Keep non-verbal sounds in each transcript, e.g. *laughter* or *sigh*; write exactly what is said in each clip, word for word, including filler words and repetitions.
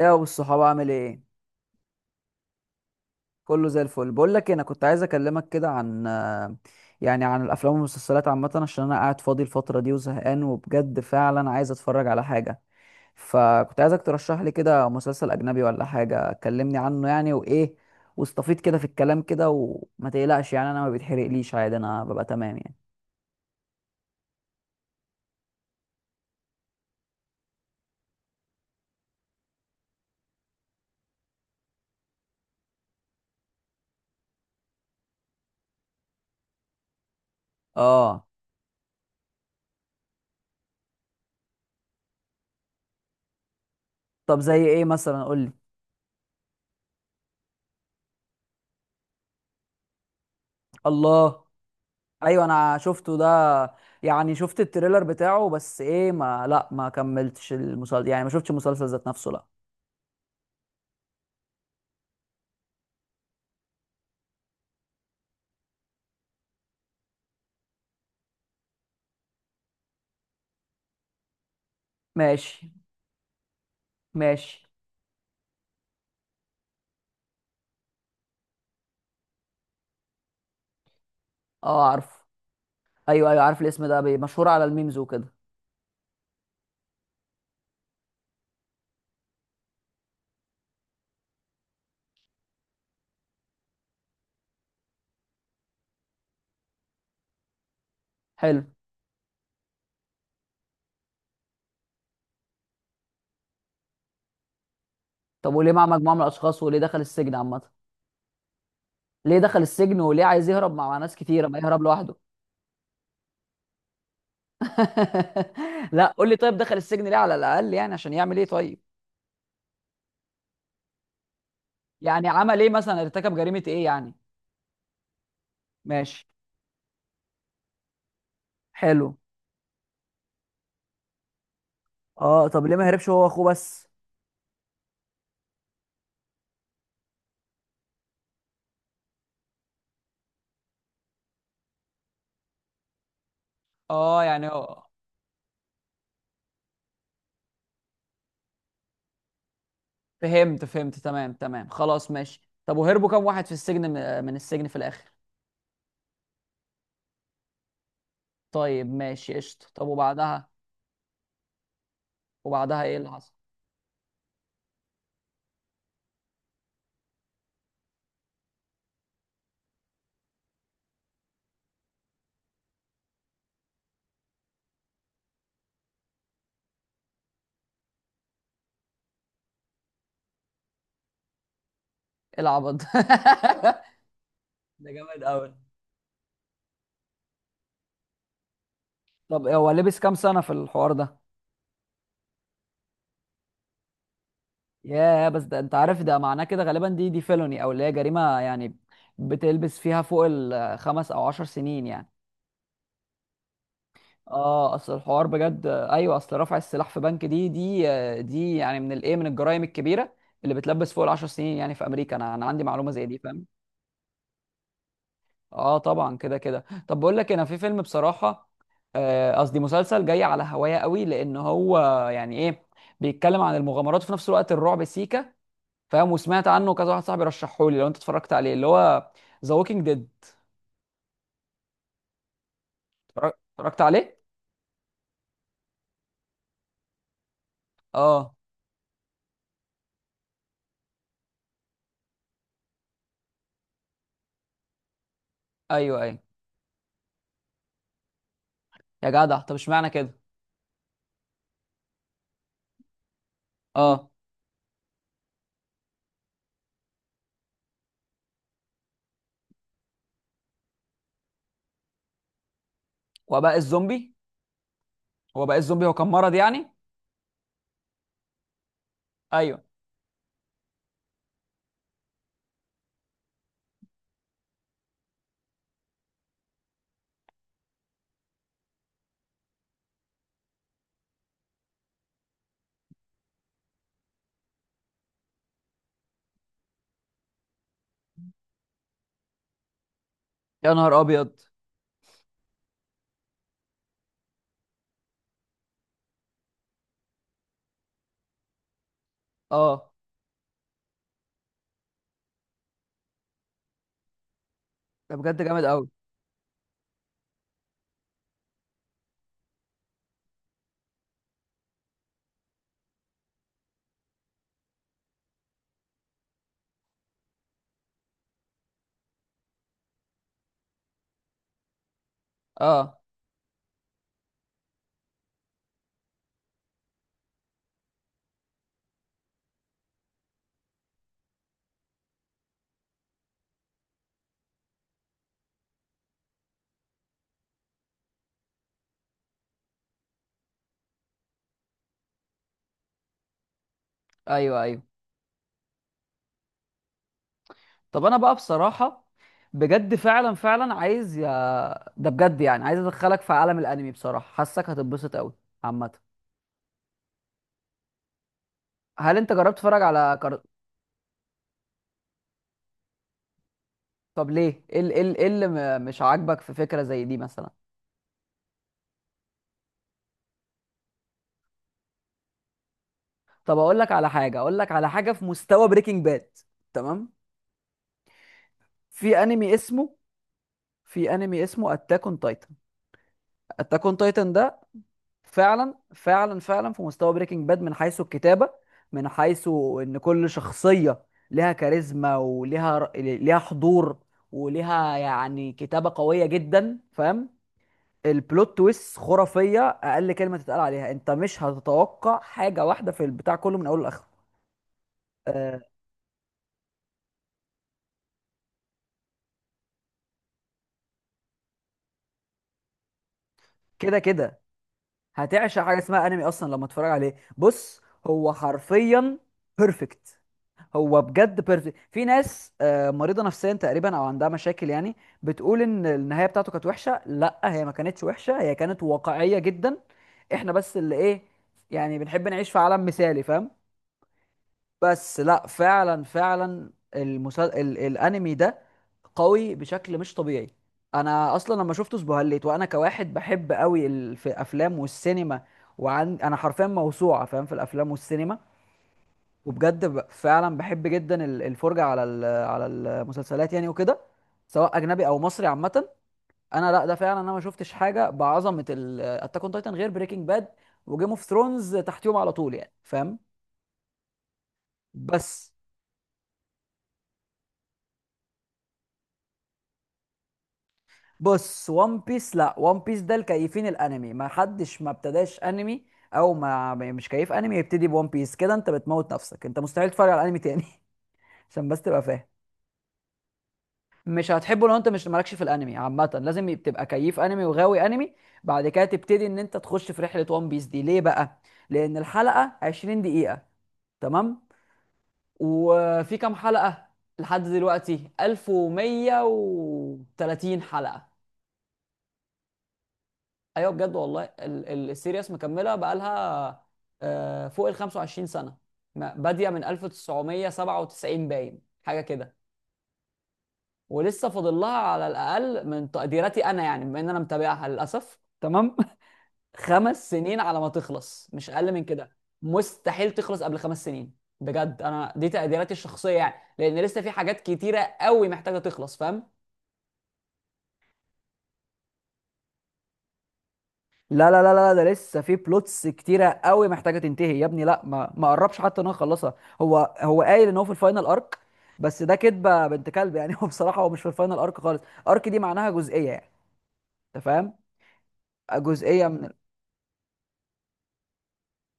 ايه يا ابو الصحاب، عامل ايه؟ كله زي الفل. بقول لك إيه، انا كنت عايز اكلمك كده عن، يعني عن الافلام والمسلسلات عامه، عشان انا قاعد فاضي الفتره دي وزهقان وبجد فعلا عايز اتفرج على حاجه. فكنت عايزك ترشح لي كده مسلسل اجنبي ولا حاجه، كلمني عنه يعني، وايه واستفيد كده في الكلام كده، وما تقلقش يعني، انا ما بيتحرقليش عادي، انا ببقى تمام يعني. اه، طب زي ايه مثلا؟ قول لي. الله. ايوه انا شفته ده، يعني شفت التريلر بتاعه، بس ايه ما لا ما كملتش المسلسل يعني، ما شفتش المسلسل ذات نفسه، لا. ماشي. ماشي. اه عارف. ايوه ايوه عارف الاسم ده، بي- مشهور على الميمز وكده. حلو. طب وليه مع مجموعه من الاشخاص؟ وليه دخل السجن عامه؟ ليه دخل السجن وليه عايز يهرب مع مع ناس كتيره؟ ما يهرب لوحده. *laughs* لا، قول لي طيب، دخل السجن ليه على الاقل يعني؟ عشان يعمل ايه طيب؟ يعني عمل ايه مثلا، ارتكب جريمه ايه يعني؟ ماشي. حلو. اه، طب ليه ما هربش هو واخوه بس؟ اه يعني هو. فهمت فهمت تمام تمام خلاص ماشي. طب وهربوا كام واحد في السجن، م- من السجن في الاخر؟ طيب ماشي قشطه. طب وبعدها وبعدها ايه اللي حصل؟ ايه العبط ده؟ *laughs* ده جامد قوي. طب هو لبس كام سنه في الحوار ده؟ ياه، بس ده انت عارف ده معناه كده، غالبا دي دي فيلوني، او اللي هي جريمه يعني، بتلبس فيها فوق الخمس او عشر سنين يعني. اه اصل الحوار بجد، ايوه اصل رفع السلاح في بنك دي دي دي يعني من الايه من الجرائم الكبيره اللي بتلبس فوق العشر سنين يعني في امريكا، انا انا عندي معلومه زي دي فاهم. اه طبعا كده كده. طب بقول لك إيه، انا في فيلم بصراحه، آه، قصدي مسلسل جاي على هوايا قوي، لان هو يعني ايه، بيتكلم عن المغامرات وفي نفس الوقت الرعب سيكا فاهم، وسمعت عنه كذا واحد صاحبي رشحه لي، لو انت اتفرجت عليه، اللي هو ذا ووكينج ديد. اتفرجت عليه؟ اه. ايوه ايوه. يا جدع طب اشمعنى كده؟ مم. اه، وباء الزومبي؟ هو بقى الزومبي هو كان مرض يعني؟ ايوه. يا نهار ابيض. اه ده بجد جامد قوي. اه. ايوه ايوه. طب انا بقى بصراحه بجد فعلا فعلا عايز، يا ده بجد يعني عايز ادخلك في عالم الانمي بصراحه، حاسك هتتبسط قوي عامه. هل انت جربت تتفرج على كر... طب ليه، ايه ال- إيه ال- إيه اللي م- مش عاجبك في فكره زي دي مثلا؟ طب اقول لك على حاجه اقول لك على حاجه في مستوى بريكنج باد. تمام. في انمي اسمه في انمي اسمه اتاك اون تايتن. اتاك اون تايتن ده فعلا فعلا فعلا في مستوى بريكنج باد، من حيث الكتابة، من حيث ان كل شخصية لها كاريزما وليها، ر- ليها حضور، وليها يعني كتابة قوية جدا فاهم. البلوت تويست خرافية، اقل كلمة تتقال عليها. انت مش هتتوقع حاجة واحدة في البتاع كله من اوله لاخره. آه، كده كده هتعشق حاجة اسمها انمي اصلا لما تتفرج عليه. بص، هو حرفيا بيرفكت. هو بجد بيرفكت. في ناس آه، مريضه نفسيا تقريبا او عندها مشاكل يعني، بتقول ان النهايه بتاعته كانت وحشه. لا، هي ما كانتش وحشه، هي كانت واقعيه جدا. احنا بس اللي ايه، يعني بنحب نعيش في عالم مثالي فاهم. بس لا، فعلا فعلا المسل... ال... الانمي ده قوي بشكل مش طبيعي. انا اصلا لما شفته اسبهليت، وانا كواحد بحب قوي ال... في الافلام والسينما، وعن انا حرفيا موسوعه فاهم في الافلام والسينما، وبجد ب- فعلا بحب جدا ال- الفرجه على ال- على المسلسلات يعني وكده، سواء اجنبي او مصري عامه. انا لا، ده فعلا انا ما شفتش حاجه بعظمه اتاك اون تايتن غير بريكنج باد وجيم اوف ثرونز، تحتيهم على طول يعني فاهم. بس. بص وان بيس، لا، وان بيس ده الكيفين. الانمي ما حدش ما ابتداش انمي، او ما ما- مش كيف انمي يبتدي بوان بيس كده. انت بتموت نفسك. انت مستحيل تتفرج على انمي تاني. *laughs* عشان بس تبقى فاهم. مش هتحبه لو انت مش مالكش في الانمي عامه. لازم يب- تبقى كيف انمي وغاوي انمي، بعد كده تبتدي ان انت تخش في رحله. وان بيس دي ليه بقى؟ لان الحلقه عشرين دقيقه، تمام، وفي كام حلقه؟ لحد دلوقتي ألف ومية وتلاتين حلقه. ايوه بجد والله ال- ال- السيريس مكمله بقالها آه، فوق ال خمسة وعشرين سنه، ما- باديه من ألف وتسعمية وسبعة وتسعين باين حاجه كده، ولسه فاضل لها على الاقل من تقديراتي انا يعني، بما ان انا متابعها للاسف تمام. *laughs* خمس سنين على ما تخلص، مش اقل من كده. مستحيل تخلص قبل خمس سنين. بجد انا دي تقديراتي الشخصيه يعني، لان لسه في حاجات كتيره قوي محتاجه تخلص فاهم. لا لا لا لا، ده لسه في بلوتس كتيره قوي محتاجه تنتهي يا ابني. لا، ما ما قربش حتى ان هو يخلصها. هو هو قايل ان هو في الفاينل ارك، بس ده كدبه بنت كلب يعني. *laughs* هو بصراحه هو مش في الفاينل ارك خالص. ارك دي معناها جزئيه يعني، انت فاهم، جزئيه من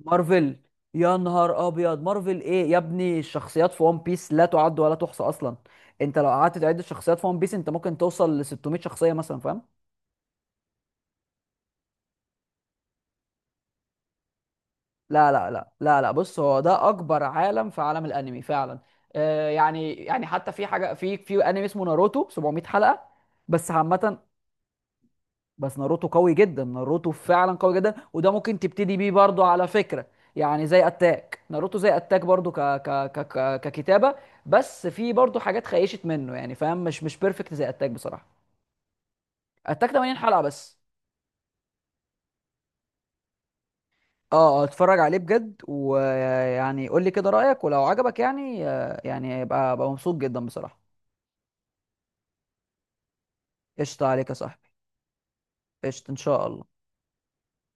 مارفل. يا نهار ابيض، مارفل ايه يا ابني؟ الشخصيات في ون بيس لا تعد ولا تحصى اصلا. انت لو قعدت تعد الشخصيات في ون بيس، انت ممكن توصل ل ستمئة شخصيه مثلا فاهم. لا لا لا لا لا، بص هو ده اكبر عالم في عالم الانمي فعلا. آه يعني يعني، حتى في حاجه، في في انمي اسمه ناروتو سبعمئة حلقه، بس عامه. بس ناروتو قوي جدا، ناروتو فعلا قوي جدا، وده ممكن تبتدي بيه برضو على فكرة. يعني زي اتاك، ناروتو زي اتاك برضو ك... ك... ك... ك... ككتابة، بس في برضو حاجات خيشت منه يعني فاهم، مش مش بيرفكت زي اتاك بصراحة. اتاك تمانين حلقة بس. اه. آه، اتفرج عليه بجد، ويعني قول لي كده رأيك، ولو عجبك يعني آه، يعني يبقى بقى مبسوط جدا بصراحة. قشطة عليك يا صاحبي. قشطة ان شاء الله.